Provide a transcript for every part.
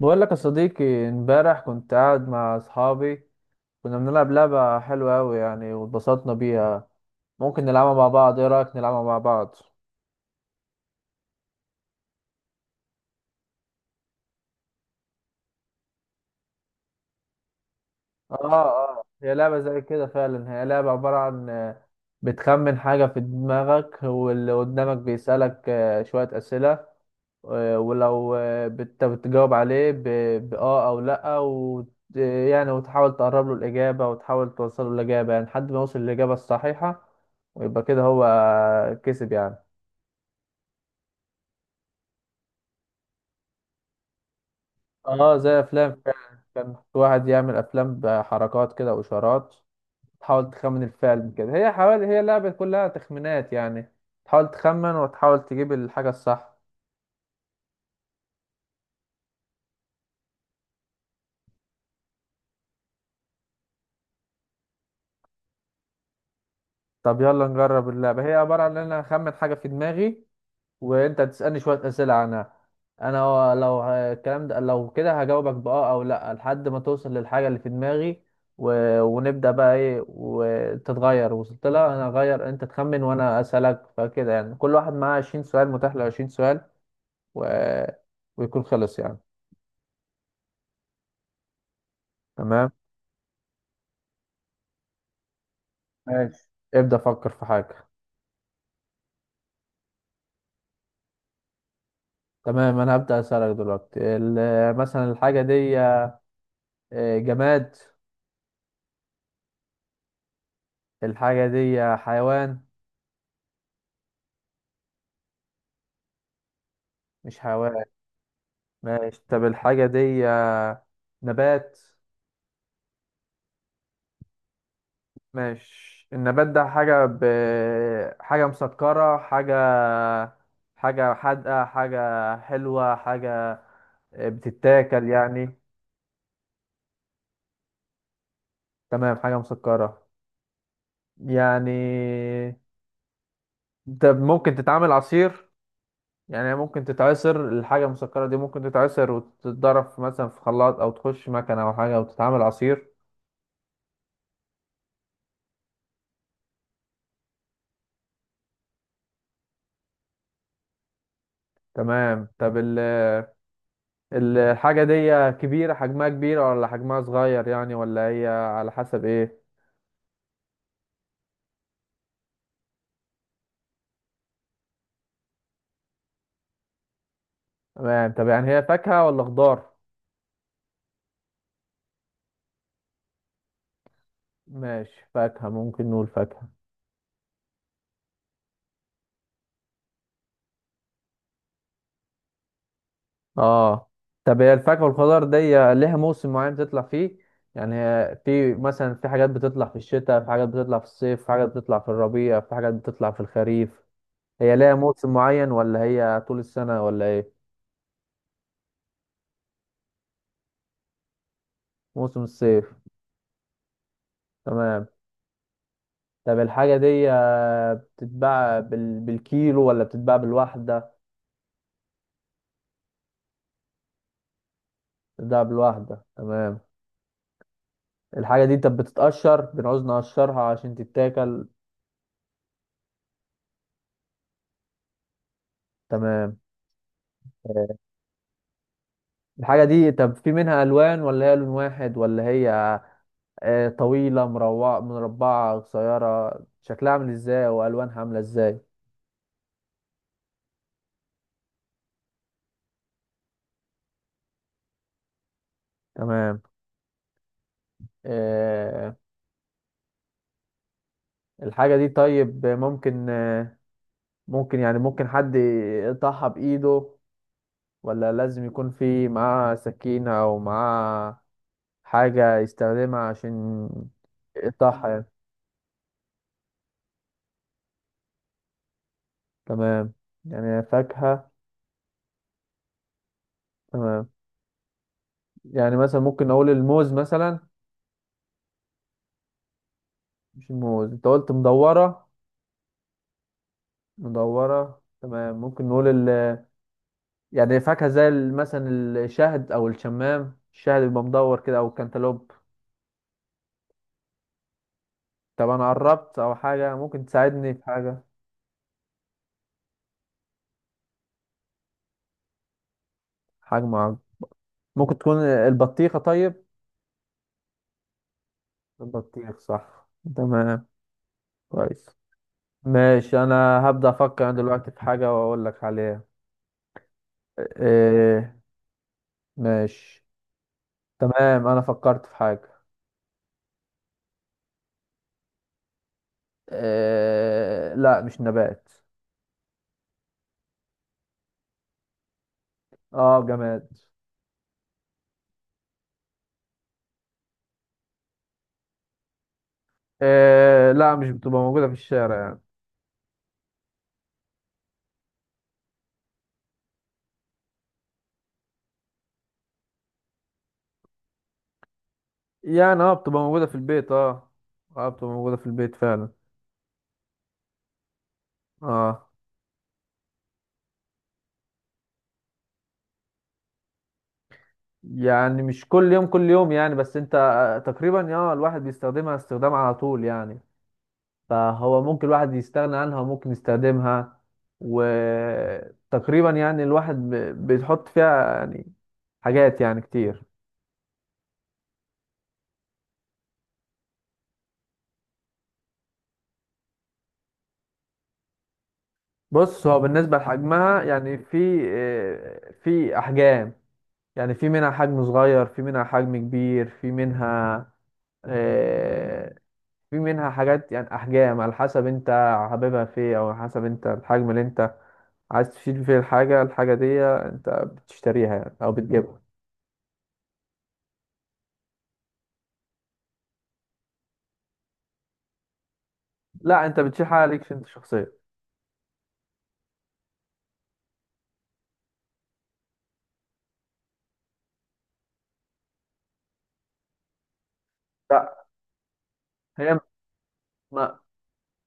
بقول لك يا صديقي، امبارح كنت قاعد مع اصحابي. كنا بنلعب لعبة حلوة أوي يعني واتبسطنا بيها. ممكن نلعبها مع بعض؟ ايه رأيك نلعبها مع بعض؟ اه اه، هي لعبة زي كده فعلا. هي لعبة عبارة عن بتخمن حاجة في دماغك واللي قدامك بيسألك شوية أسئلة. ولو بتجاوب عليه بآه أو لأ يعني وتحاول تقرب له الإجابة وتحاول توصل له الإجابة يعني لحد ما يوصل للإجابة الصحيحة، ويبقى كده هو كسب يعني. اه زي أفلام فعلا. كان في واحد يعمل أفلام بحركات كده وإشارات. تحاول تخمن الفعل كده. هي حوالي هي لعبة كلها تخمينات يعني. تحاول تخمن وتحاول تجيب الحاجة الصح. طب يلا نجرب اللعبة. هي عبارة عن إن أنا أخمن حاجة في دماغي وانت تسألني شوية أسئلة عنها. انا لو الكلام ده لو كده هجاوبك بآه او لا لحد ما توصل للحاجة اللي في دماغي. ونبدأ بقى ايه وتتغير. وصلت لها انا اغير، انت تخمن وانا أسألك. فكده يعني كل واحد معاه 20 سؤال، متاح له 20 سؤال و... ويكون خلص يعني. تمام. ماشي. ابدأ فكر في حاجة. تمام انا هبدأ أسألك دلوقتي. مثلا الحاجة دي جماد؟ الحاجة دي حيوان؟ مش حيوان ماشي. طب الحاجة دي نبات؟ ماشي. النبات ده حاجة حاجة مسكرة، حاجة حادقة، حاجة حلوة، حاجة بتتاكل يعني؟ تمام حاجة مسكرة يعني. طب ممكن تتعمل عصير؟ يعني ممكن تتعصر. الحاجة المسكرة دي ممكن تتعصر وتتضرب مثلا في خلاط أو تخش مكنة أو حاجة وتتعمل عصير. تمام. طب الحاجة دي كبيرة؟ حجمها كبيرة ولا حجمها صغير يعني، ولا هي على حسب ايه؟ تمام. طب يعني هي فاكهة ولا خضار؟ ماشي، فاكهة. ممكن نقول فاكهة. اه. طب هي الفاكهة والخضار دي ليها موسم معين بتطلع فيه؟ يعني هي، في مثلا في حاجات بتطلع في الشتاء، في حاجات بتطلع في الصيف، في حاجات بتطلع في الربيع، في حاجات بتطلع في الخريف. هي ليها موسم معين ولا هي طول السنة ولا ايه؟ موسم الصيف تمام. طب الحاجة دي بتتباع بالكيلو ولا بتتباع بالواحدة؟ بتتباع بالواحدة تمام. الحاجة دي طب بتتقشر؟ بنعوز نقشرها عشان تتاكل؟ تمام. آه، الحاجة دي طب في منها ألوان ولا هي لون واحد، ولا هي طويلة مروعة مربعة قصيرة؟ شكلها عامل ازاي وألوانها عاملة ازاي؟ تمام. آه، الحاجة دي طيب ممكن ممكن يعني ممكن حد يقطعها بإيده، ولا لازم يكون في معاه سكينة أو معاه حاجة يستخدمها عشان يقطعها يعني؟ تمام. يعني فاكهة. تمام. يعني مثلا ممكن أقول الموز مثلا. مش الموز، أنت قلت مدورة. مدورة تمام. ممكن نقول يعني فاكهة زي مثلا الشهد أو الشمام. الشهد بيبقى مدور كده، أو الكنتالوب. طب أنا قربت، أو حاجة ممكن تساعدني في حاجة. حجم عرض. ممكن تكون البطيخة طيب؟ البطيخ صح. تمام. كويس. ماشي انا هبدأ افكر انا دلوقتي في حاجة واقول لك عليها. إيه. ماشي. تمام انا فكرت في حاجة. إيه لا مش نبات. اه جماد. إيه لا مش بتبقى موجودة في الشارع يعني. يعني اه بتبقى موجودة في البيت اه. اه بتبقى موجودة في البيت فعلا. اه. يعني مش كل يوم كل يوم يعني، بس انت تقريبا اه الواحد بيستخدمها استخدام على طول يعني. فهو ممكن الواحد يستغنى عنها وممكن يستخدمها. وتقريبا يعني الواحد بيحط فيها يعني حاجات يعني كتير. بص هو بالنسبة لحجمها يعني في في أحجام. يعني في منها حجم صغير، في منها حجم كبير، في منها آه، في منها حاجات يعني أحجام على حسب أنت حاببها فيه، أو على حسب أنت الحجم اللي أنت عايز تشيل فيه الحاجة. الحاجة دي أنت بتشتريها يعني أو بتجيبها. لا انت بتشيح عليها ليكش انت شخصيا. لا هي ما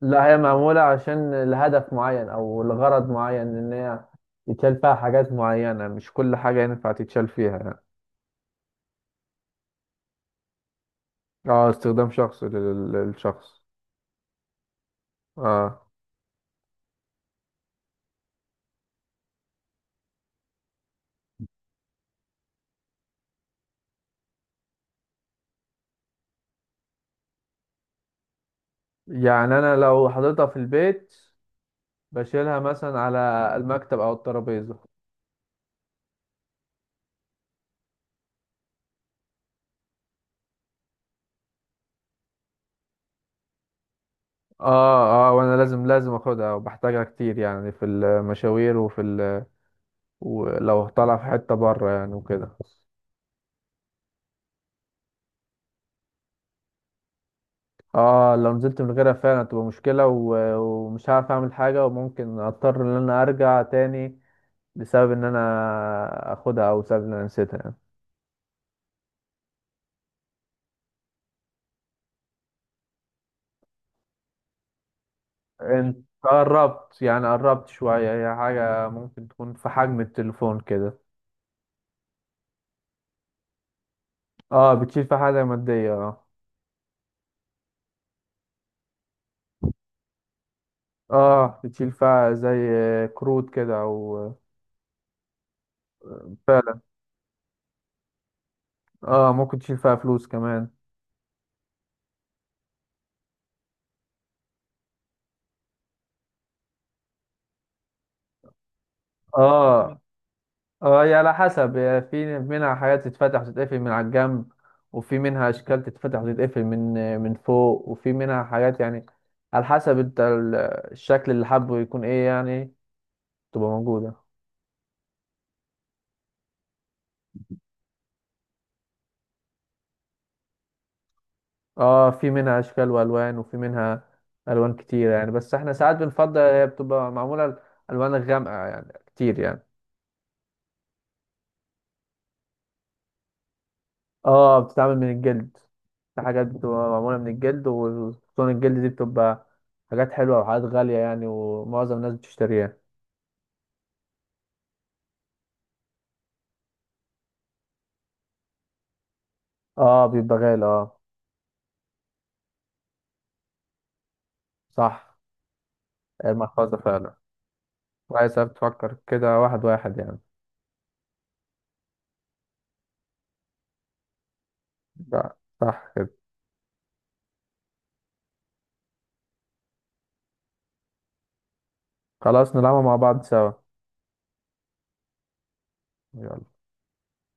لا هي معمولة عشان لهدف معين او لغرض معين. ان هي يتشال فيها حاجات معينة، مش كل حاجة ينفع تتشال فيها يعني. اه استخدام شخصي للشخص. اه يعني انا لو حضرتها في البيت بشيلها مثلا على المكتب او الترابيزة. اه اه وانا لازم لازم اخدها وبحتاجها كتير يعني، في المشاوير وفي ولو طالع في حتة بره يعني وكده. اه لو نزلت من غيرها فعلا هتبقى مشكلة. ومش هعرف اعمل حاجة وممكن اضطر ان انا ارجع تاني بسبب ان انا اخدها او بسبب ان انا نسيتها يعني. انت قربت يعني قربت شوية. هي حاجة ممكن تكون في حجم التليفون كده. اه بتشيل فيها حاجة مادية اه. اه بتشيل فيها زي كروت كده او فعلا. اه ممكن تشيل فيها فلوس كمان. اه اه هي على حسب. هي في منها حاجات تتفتح وتتقفل من على الجنب، وفي منها اشكال تتفتح وتتقفل من فوق. وفي منها حاجات يعني على حسب انت الشكل اللي حابه يكون ايه يعني تبقى موجودة. اه في منها اشكال والوان، وفي منها الوان كتيرة يعني، بس احنا ساعات بنفضل هي بتبقى معمولة الوان غامقة يعني كتير يعني. اه بتتعمل من الجلد. في حاجات بتبقى معمولة من الجلد، وخصوصا الجلد دي بتبقى حاجات حلوة وحاجات غالية يعني، ومعظم الناس بتشتريها. اه بيبقى غالي اه. صح المحفظة فعلا. كويس بتفكر كده واحد واحد يعني. لا، صح كده. خلاص نلعبها مع بعض سوا. يلا.